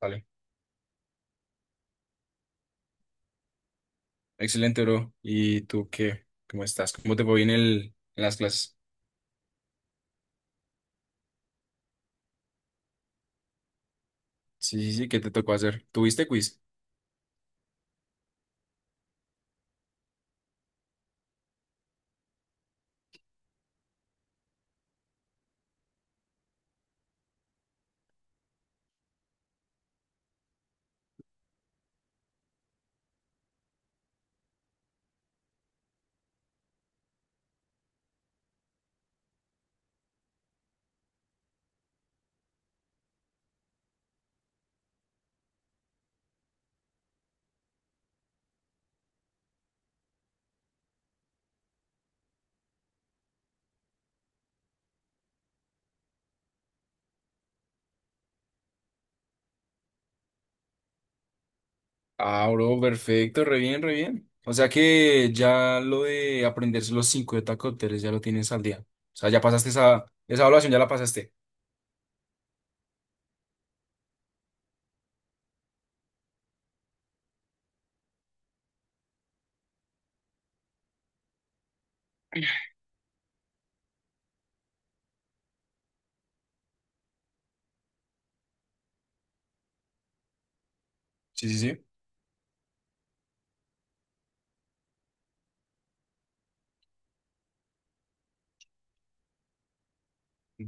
Vale. Excelente, bro. ¿Y tú qué? ¿Cómo estás? ¿Cómo te fue en las clases? Sí, sí, sí, ¿qué te tocó hacer? ¿Tuviste quiz? Ah, bro, perfecto, re bien, re bien. O sea que ya lo de aprenderse los cinco de tacópteros ya lo tienes al día. O sea, ya pasaste esa evaluación, ya la pasaste. Sí, sí, sí.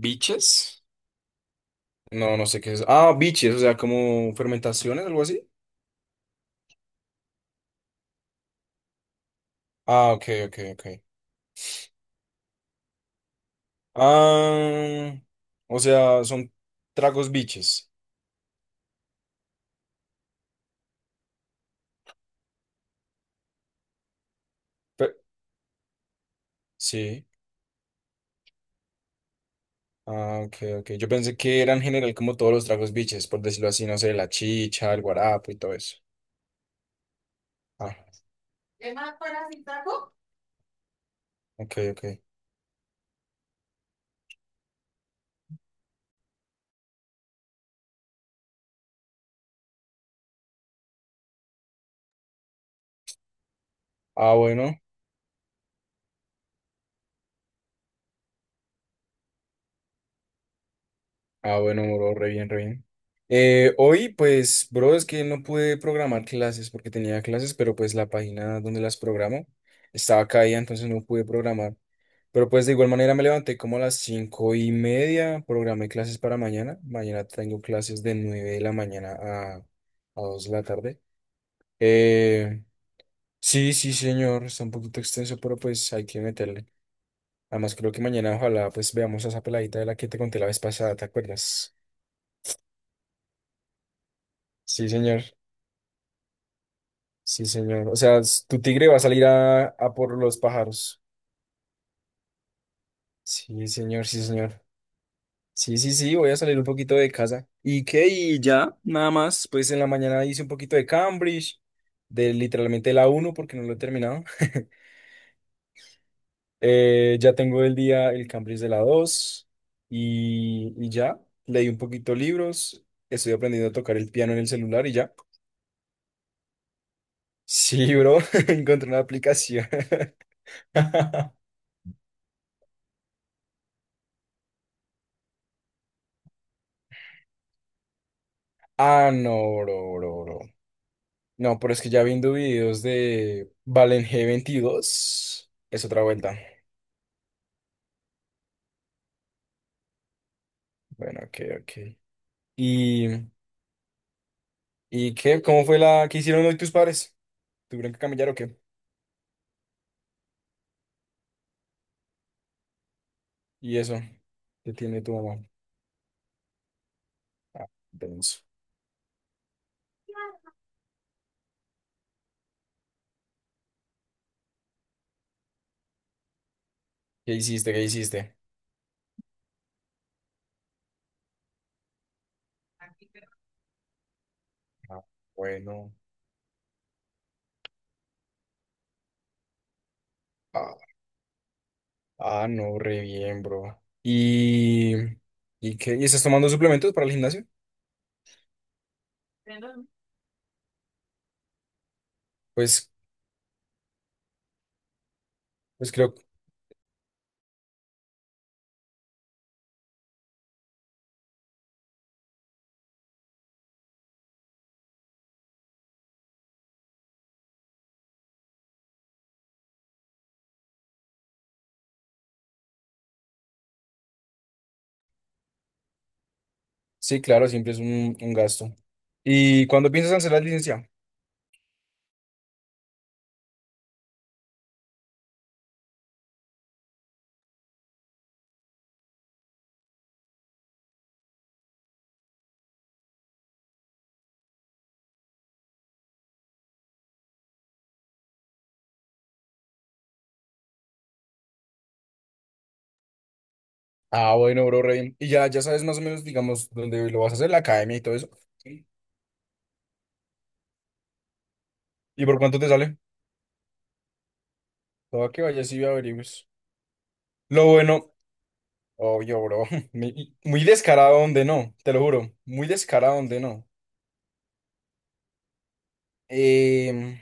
¿Biches? No, no sé qué es. Ah, biches, o sea, como fermentaciones, algo así. Ah, ok, ok, ok. Ah, o sea, son tragos biches. Pe- sí. Ah, ok, ok. Yo pensé que era en general como todos los tragos biches, por decirlo así, no sé, la chicha, el guarapo y todo eso. Ah, ok, ok. Ah, bueno, ah, bueno, bro, re bien, re bien. Hoy, pues, bro, es que no pude programar clases porque tenía clases, pero pues la página donde las programo estaba caída, entonces no pude programar. Pero pues de igual manera me levanté como a las 5:30, programé clases para mañana. Mañana tengo clases de 9 de la mañana a 2 de la tarde. Eh. Sí, sí, señor, está un poquito extenso, pero pues hay que meterle. Además, creo que mañana ojalá pues veamos a esa peladita de la que te conté la vez pasada, ¿te acuerdas? Sí, señor, sí, señor. O sea, tu tigre va a salir a por los pájaros. Sí, señor, sí, señor. Sí, sí, sí, voy a salir un poquito de casa. ¿Y qué? Y ya, nada más, pues en la mañana hice un poquito de Cambridge, de literalmente la uno porque no lo he terminado. Ya tengo el día el Cambridge de la 2 y ya. Leí un poquito libros, estoy aprendiendo a tocar el piano en el celular y ya. Sí, bro, encontré una aplicación. Ah, no, bro, bro, bro. No, pero es que ya viendo videos de Valen G22, es otra vuelta. Bueno, ok, ok. ¿Y, y qué? ¿Cómo fue la que hicieron hoy tus padres? ¿Tuvieron que camellar o qué? Y eso, ¿qué tiene tu mamá? Ah, denso. ¿Qué hiciste? ¿Qué hiciste? Ah, bueno. Ah, ah, no, re bien, bro. ¿Y qué? ¿Y estás tomando suplementos para el gimnasio? Pues, pues creo, sí, claro, siempre es un gasto. ¿Y cuándo piensas hacer la licencia? Ah, bueno, bro, re bien. Y ya, ya sabes más o menos, digamos, dónde lo vas a hacer, la academia y todo eso. Sí. ¿Y por cuánto te sale? Todo que vayas y averigües. Lo bueno, obvio, bro. Muy muy descarado donde no, te lo juro. Muy descarado donde no. Em,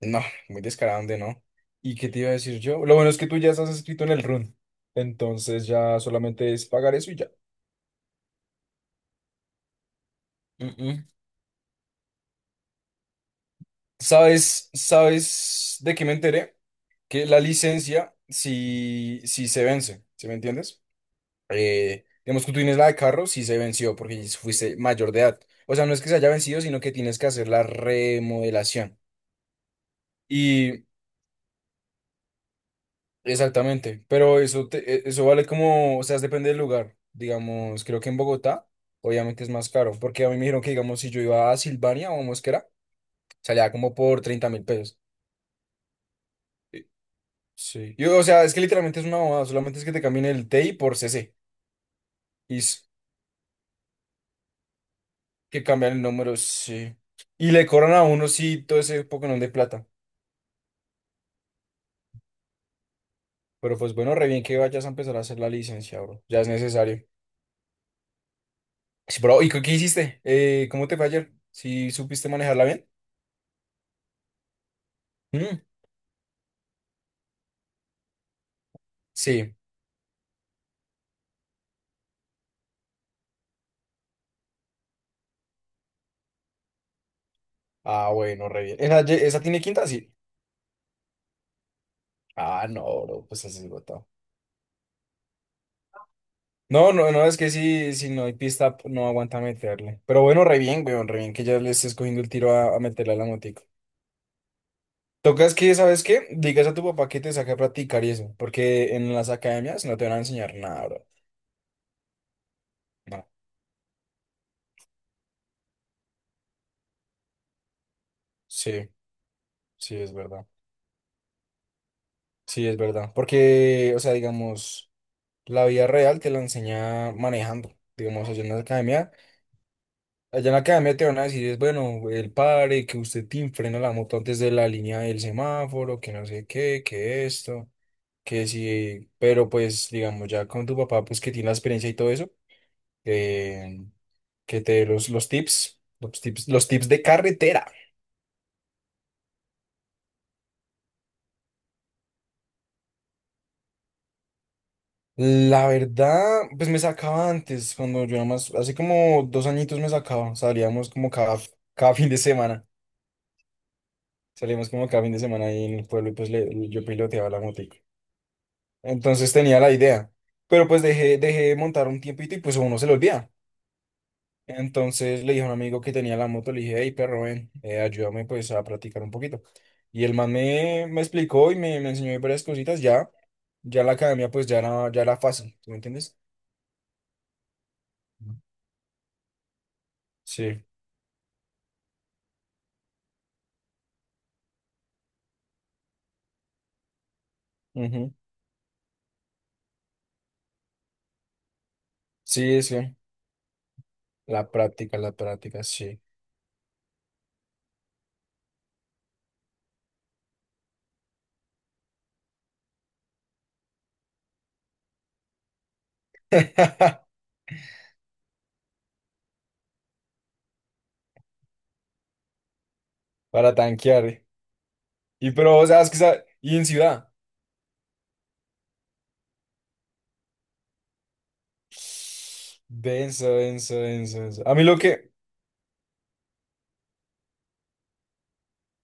No, muy descarado, ¿de no? ¿Y qué te iba a decir yo? Lo bueno es que tú ya estás escrito en el run. Entonces ya solamente es pagar eso y ya. Mm, mm. ¿Sabes de qué me enteré? Que la licencia, si se vence, ¿sí me entiendes? Digamos que tú tienes la de carro, si se venció, porque fuiste mayor de edad. O sea, no es que se haya vencido, sino que tienes que hacer la remodelación. Y Exactamente, pero eso, eso vale como, o sea, depende del lugar. Digamos, creo que en Bogotá, obviamente es más caro, porque a mí me dijeron que, digamos, si yo iba a Silvania o a Mosquera, salía como por 30.000 pesos. Y- Sí. Yo, o sea, es que literalmente es una bobada, solamente es que te cambien el T TI por C C y s- que cambian el número, sí. Y le cobran a uno, sí, todo ese Pokémon de plata. Pero pues bueno, re bien que vayas a empezar a hacer la licencia, bro, ya es necesario. Sí, bro, ¿y qué hiciste? ¿Cómo te fue ayer? ¿Si supiste manejarla bien? Mm, sí. Ah, bueno, re bien. ¿Esa tiene quinta? Sí. Ah, no, bro, pues así es botado. No, no, no, es que si no hay pista, no aguanta meterle. Pero bueno, re bien, weón, re bien que ya le estés cogiendo el tiro a meterle a la motico. Tocas que, ¿sabes qué? Digas a tu papá que te saque a practicar y eso, porque en las academias no te van a enseñar nada, bro. No. Sí, sí, es verdad. Sí, es verdad. Porque, o sea, digamos, la vida real te la enseña manejando. Digamos, allá en la academia. Allá en la academia te van a decir, es bueno, el padre, que usted te frena la moto antes de la línea del semáforo, que no sé qué, que esto, que sí, pero pues, digamos, ya con tu papá, pues que tiene la experiencia y todo eso, eh, que te dé los tips de carretera. La verdad, pues me sacaba antes, cuando yo nada más, hace como 2 añitos me sacaba, salíamos como cada fin de semana, salíamos como cada fin de semana ahí en el pueblo y pues yo piloteaba la moto. Entonces tenía la idea. Pero pues dejé de montar un tiempito y pues a uno se le olvida. Entonces le dije a un amigo que tenía la moto, le dije, hey perro, ven, ayúdame pues a practicar un poquito. Y el man me explicó y me enseñó varias cositas. Ya, ya la academia pues ya era fácil, ¿tú me entiendes? Ujú. Sí. Ujú. Sí, sí. La práctica, sí. Para tanquear. Y pero, o sea, es que, y en ciudad. Denso, denso, denso, denso. A mí lo que,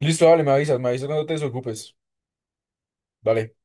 Listo, vale, me avisas cuando te desocupes. Vale.